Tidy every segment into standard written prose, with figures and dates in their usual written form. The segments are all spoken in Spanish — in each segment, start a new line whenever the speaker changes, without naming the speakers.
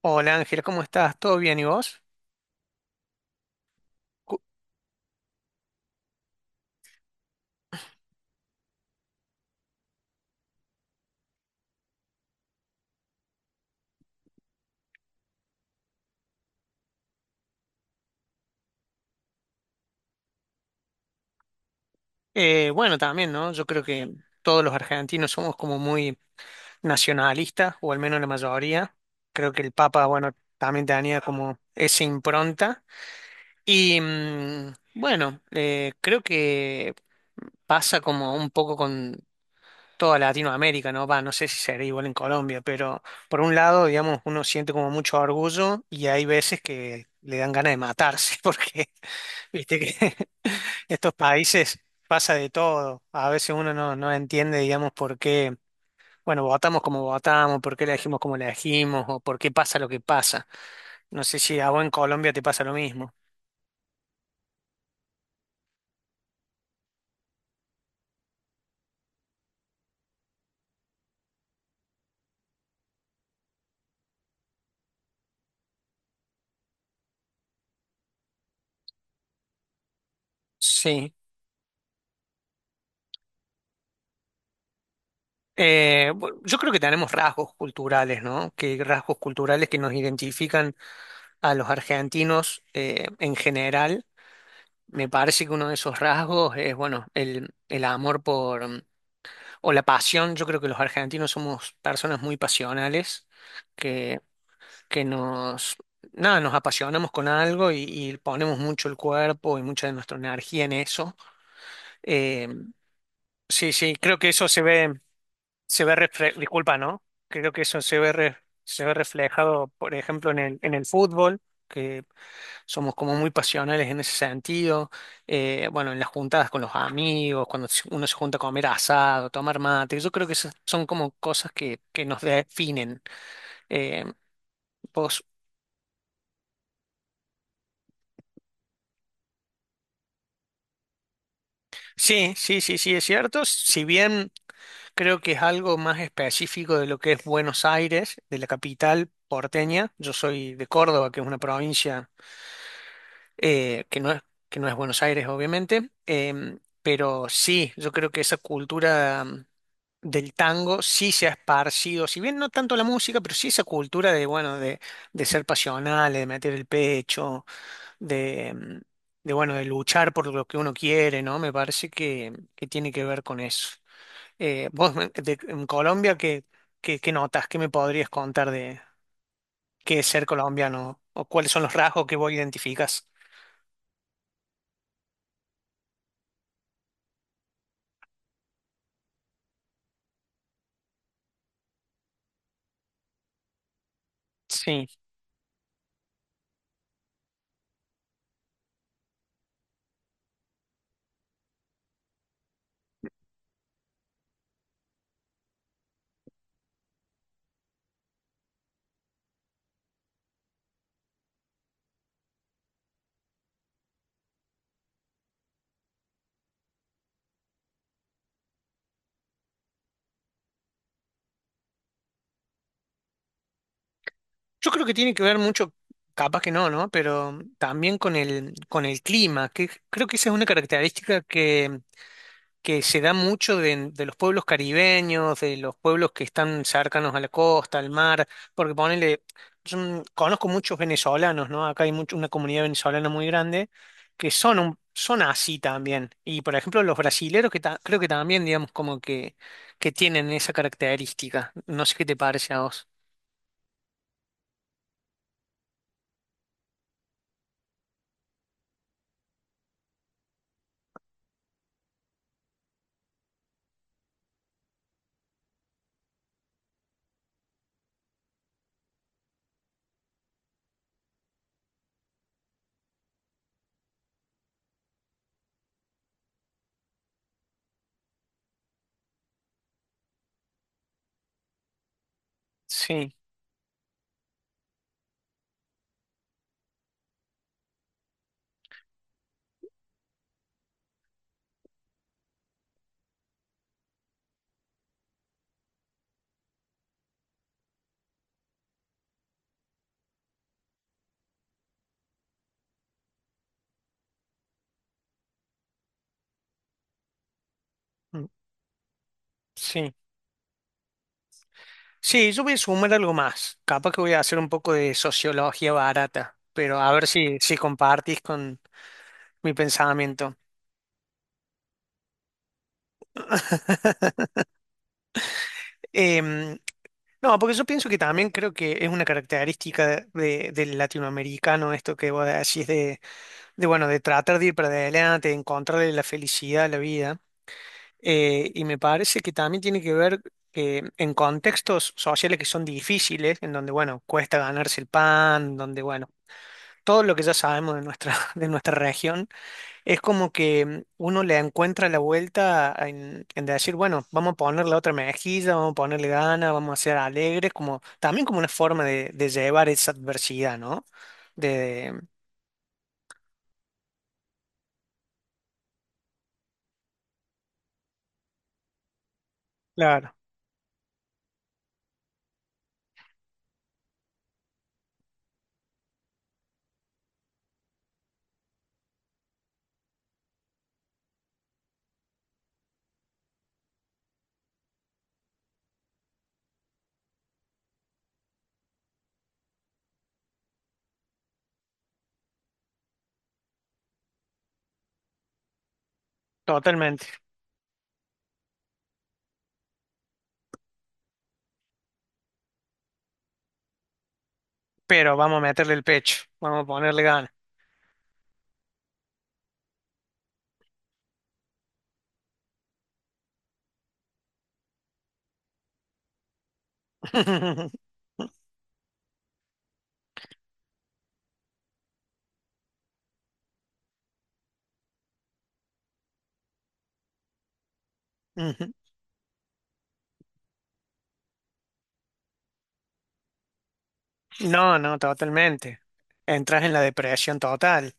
Hola Ángel, ¿cómo estás? ¿Todo bien y vos? Cu- bueno, también, ¿no? Yo creo que todos los argentinos somos como muy nacionalistas, o al menos la mayoría. Creo que el Papa, bueno, también tenía como esa impronta. Bueno, creo que pasa como un poco con toda Latinoamérica, ¿no? Va, no sé si será igual en Colombia, pero por un lado, digamos, uno siente como mucho orgullo y hay veces que le dan ganas de matarse porque viste que estos países pasa de todo. A veces uno no entiende, digamos, por qué, bueno, votamos como votamos, por qué elegimos como elegimos, o por qué pasa lo que pasa. No sé si a vos en Colombia te pasa lo mismo. Sí. Yo creo que tenemos rasgos culturales, ¿no? Que rasgos culturales que nos identifican a los argentinos en general. Me parece que uno de esos rasgos es, bueno, el amor o la pasión, yo creo que los argentinos somos personas muy pasionales, que, que nos, nada, nos apasionamos con algo y ponemos mucho el cuerpo y mucha de nuestra energía en eso. Eh, sí, sí, creo que eso se ve, disculpa, ¿no? Creo que eso se ve, se ve reflejado, por ejemplo, en el fútbol. Somos como muy pasionales en ese sentido. Bueno, en las juntadas con los amigos, uno se junta a comer asado, tomar mate, yo creo que esas son como cosas que nos definen. Eh, vos- sí, sí, sí, sí, es cierto. Si bien creo que es algo más específico de lo que es Buenos Aires, de la capital porteña, yo soy de Córdoba, que es una provincia. eh, que no es, que no es Buenos Aires, obviamente, pero sí, yo creo que esa cultura, del tango sí se ha esparcido, si bien no tanto la música, pero sí esa cultura de, bueno, de ser pasional, de meter el pecho, de, mm, de, bueno, de luchar por lo que uno quiere, ¿no? Me parece que tiene que ver con eso. Vos, en Colombia, ¿qué, qué, qué notas? ¿Qué me podrías contar de qué es ser colombiano? ¿O cuáles son los rasgos que vos identificas? Yo creo que tiene que ver mucho, capaz que no, ¿no? Pero también con el clima, que creo que esa es una característica que se da mucho de los pueblos caribeños, de los pueblos que están cercanos a la costa, al mar, porque ponele, conozco muchos venezolanos, ¿no? Acá hay mucho, una comunidad venezolana muy grande que son, son así también. Y por ejemplo, los brasileros creo que también, digamos, como que tienen esa característica. No sé qué te parece a vos. Sí. Sí. Sí, yo voy a sumar algo más. Capaz que voy a hacer un poco de sociología barata, pero a ver si, si compartís con mi pensamiento. Em, no, porque yo pienso que también creo que es una característica del latinoamericano esto que vos decís de, bueno, de tratar de ir para adelante, de encontrarle la felicidad a la vida. Y me parece que también tiene que ver que en contextos sociales que son difíciles, en donde, bueno, cuesta ganarse el pan, donde, bueno, todo lo que ya sabemos de nuestra, de nuestra región, es como que uno le encuentra la vuelta en decir, bueno, vamos a ponerle otra mejilla, vamos a ponerle ganas, vamos a ser alegres, como, también como una forma de llevar esa adversidad, ¿no? De, claro, totalmente. Pero vamos a meterle el pecho, vamos a ponerle ganas. Ujú. No, no, totalmente. Entras en la depresión total.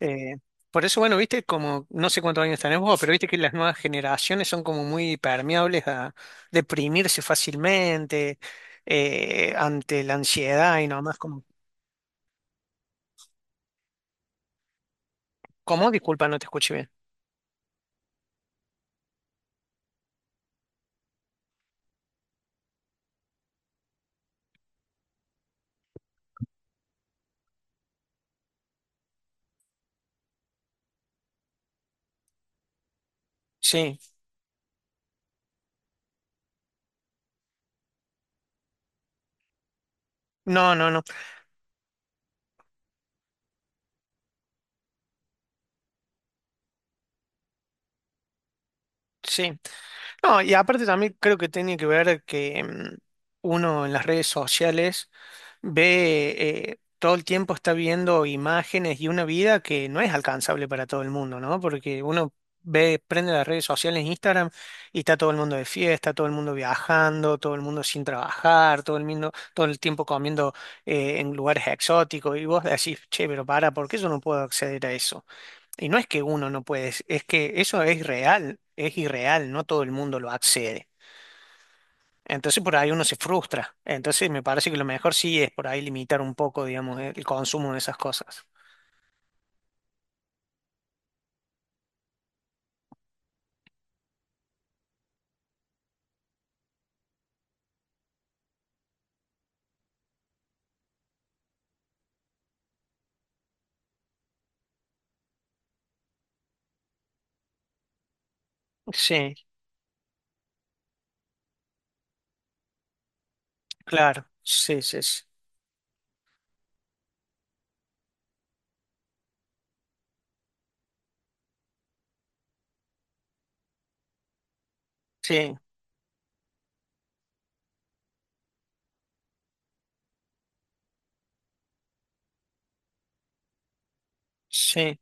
Eh, por eso, bueno, viste, como no sé cuántos años tenés vos, pero viste que las nuevas generaciones son como muy permeables a deprimirse fácilmente ante la ansiedad y nomás como, ¿cómo? Disculpa, no te escuché bien. Sí, no, no, no, sí. No, y aparte también creo que tiene que ver que, uno en las redes sociales ve, todo el tiempo está viendo imágenes y una vida que no es alcanzable para todo el mundo, ¿no? Porque uno ve, prende las redes sociales, en Instagram, y está todo el mundo de fiesta, todo el mundo viajando, todo el mundo sin trabajar, todo el mundo, todo el tiempo comiendo en lugares exóticos, y vos decís, che, pero para, ¿por qué yo no puedo acceder a eso? Y no es que uno no puede, es que eso es real, es irreal, no todo el mundo lo accede. Entonces por ahí uno se frustra. Entonces me parece que lo mejor sí es por ahí limitar un poco, digamos, el consumo de esas cosas. Sí, claro, sí, sí, sí, sí. Sí.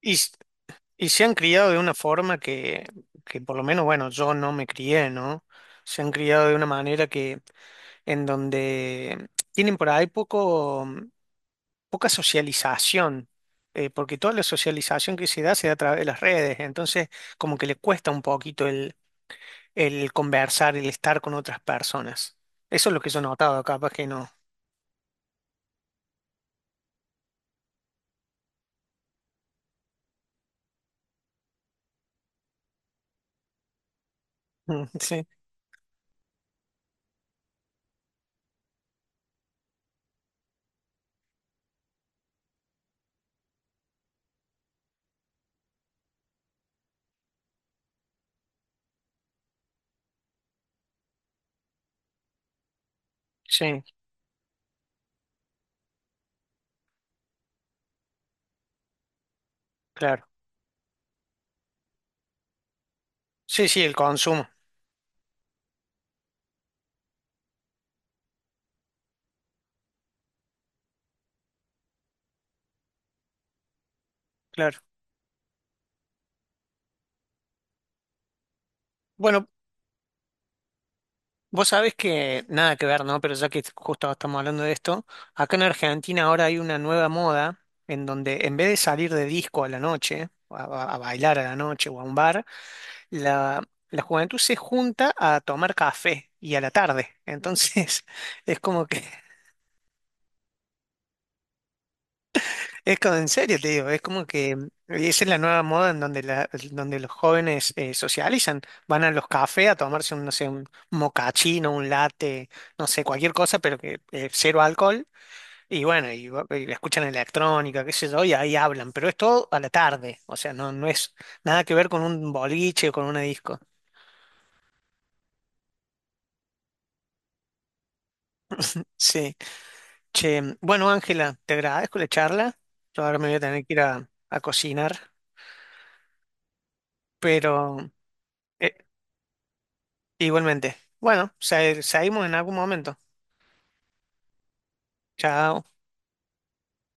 Y, s- y se han criado de una forma que por lo menos, bueno, yo no me crié, ¿no? Se han criado de una manera que, en donde tienen por ahí poco. Poca socialización, porque toda la socialización que se da a través de las redes, entonces como que le cuesta un poquito el conversar, el estar con otras personas. Eso es lo que yo he notado, capaz que no. Sí, sí, claro. Sí, sí, el consumo, claro. Bueno, vos sabés que nada que ver, ¿no? Pero ya que justo estamos hablando de esto, acá en Argentina ahora hay una nueva moda en donde en vez de salir de disco a la noche, a bailar a la noche o a un bar, la, la juventud se junta a tomar café y a la tarde. Entonces, es como que, es como en serio, te digo, es como que esa es la nueva moda en donde, la, donde los jóvenes socializan. Van a los cafés a tomarse un, no sé, un mocachino, un latte, no sé, cualquier cosa, pero que cero alcohol. Y bueno, y escuchan electrónica, qué sé yo, y ahí hablan, pero es todo a la tarde. O sea, no, no es nada que ver con un boliche o con una disco. Sí. Che, bueno, Ángela, te agradezco la charla. Yo ahora me voy a tener que ir a cocinar, pero eh, igualmente. Bueno, seguimos en algún momento. Chao.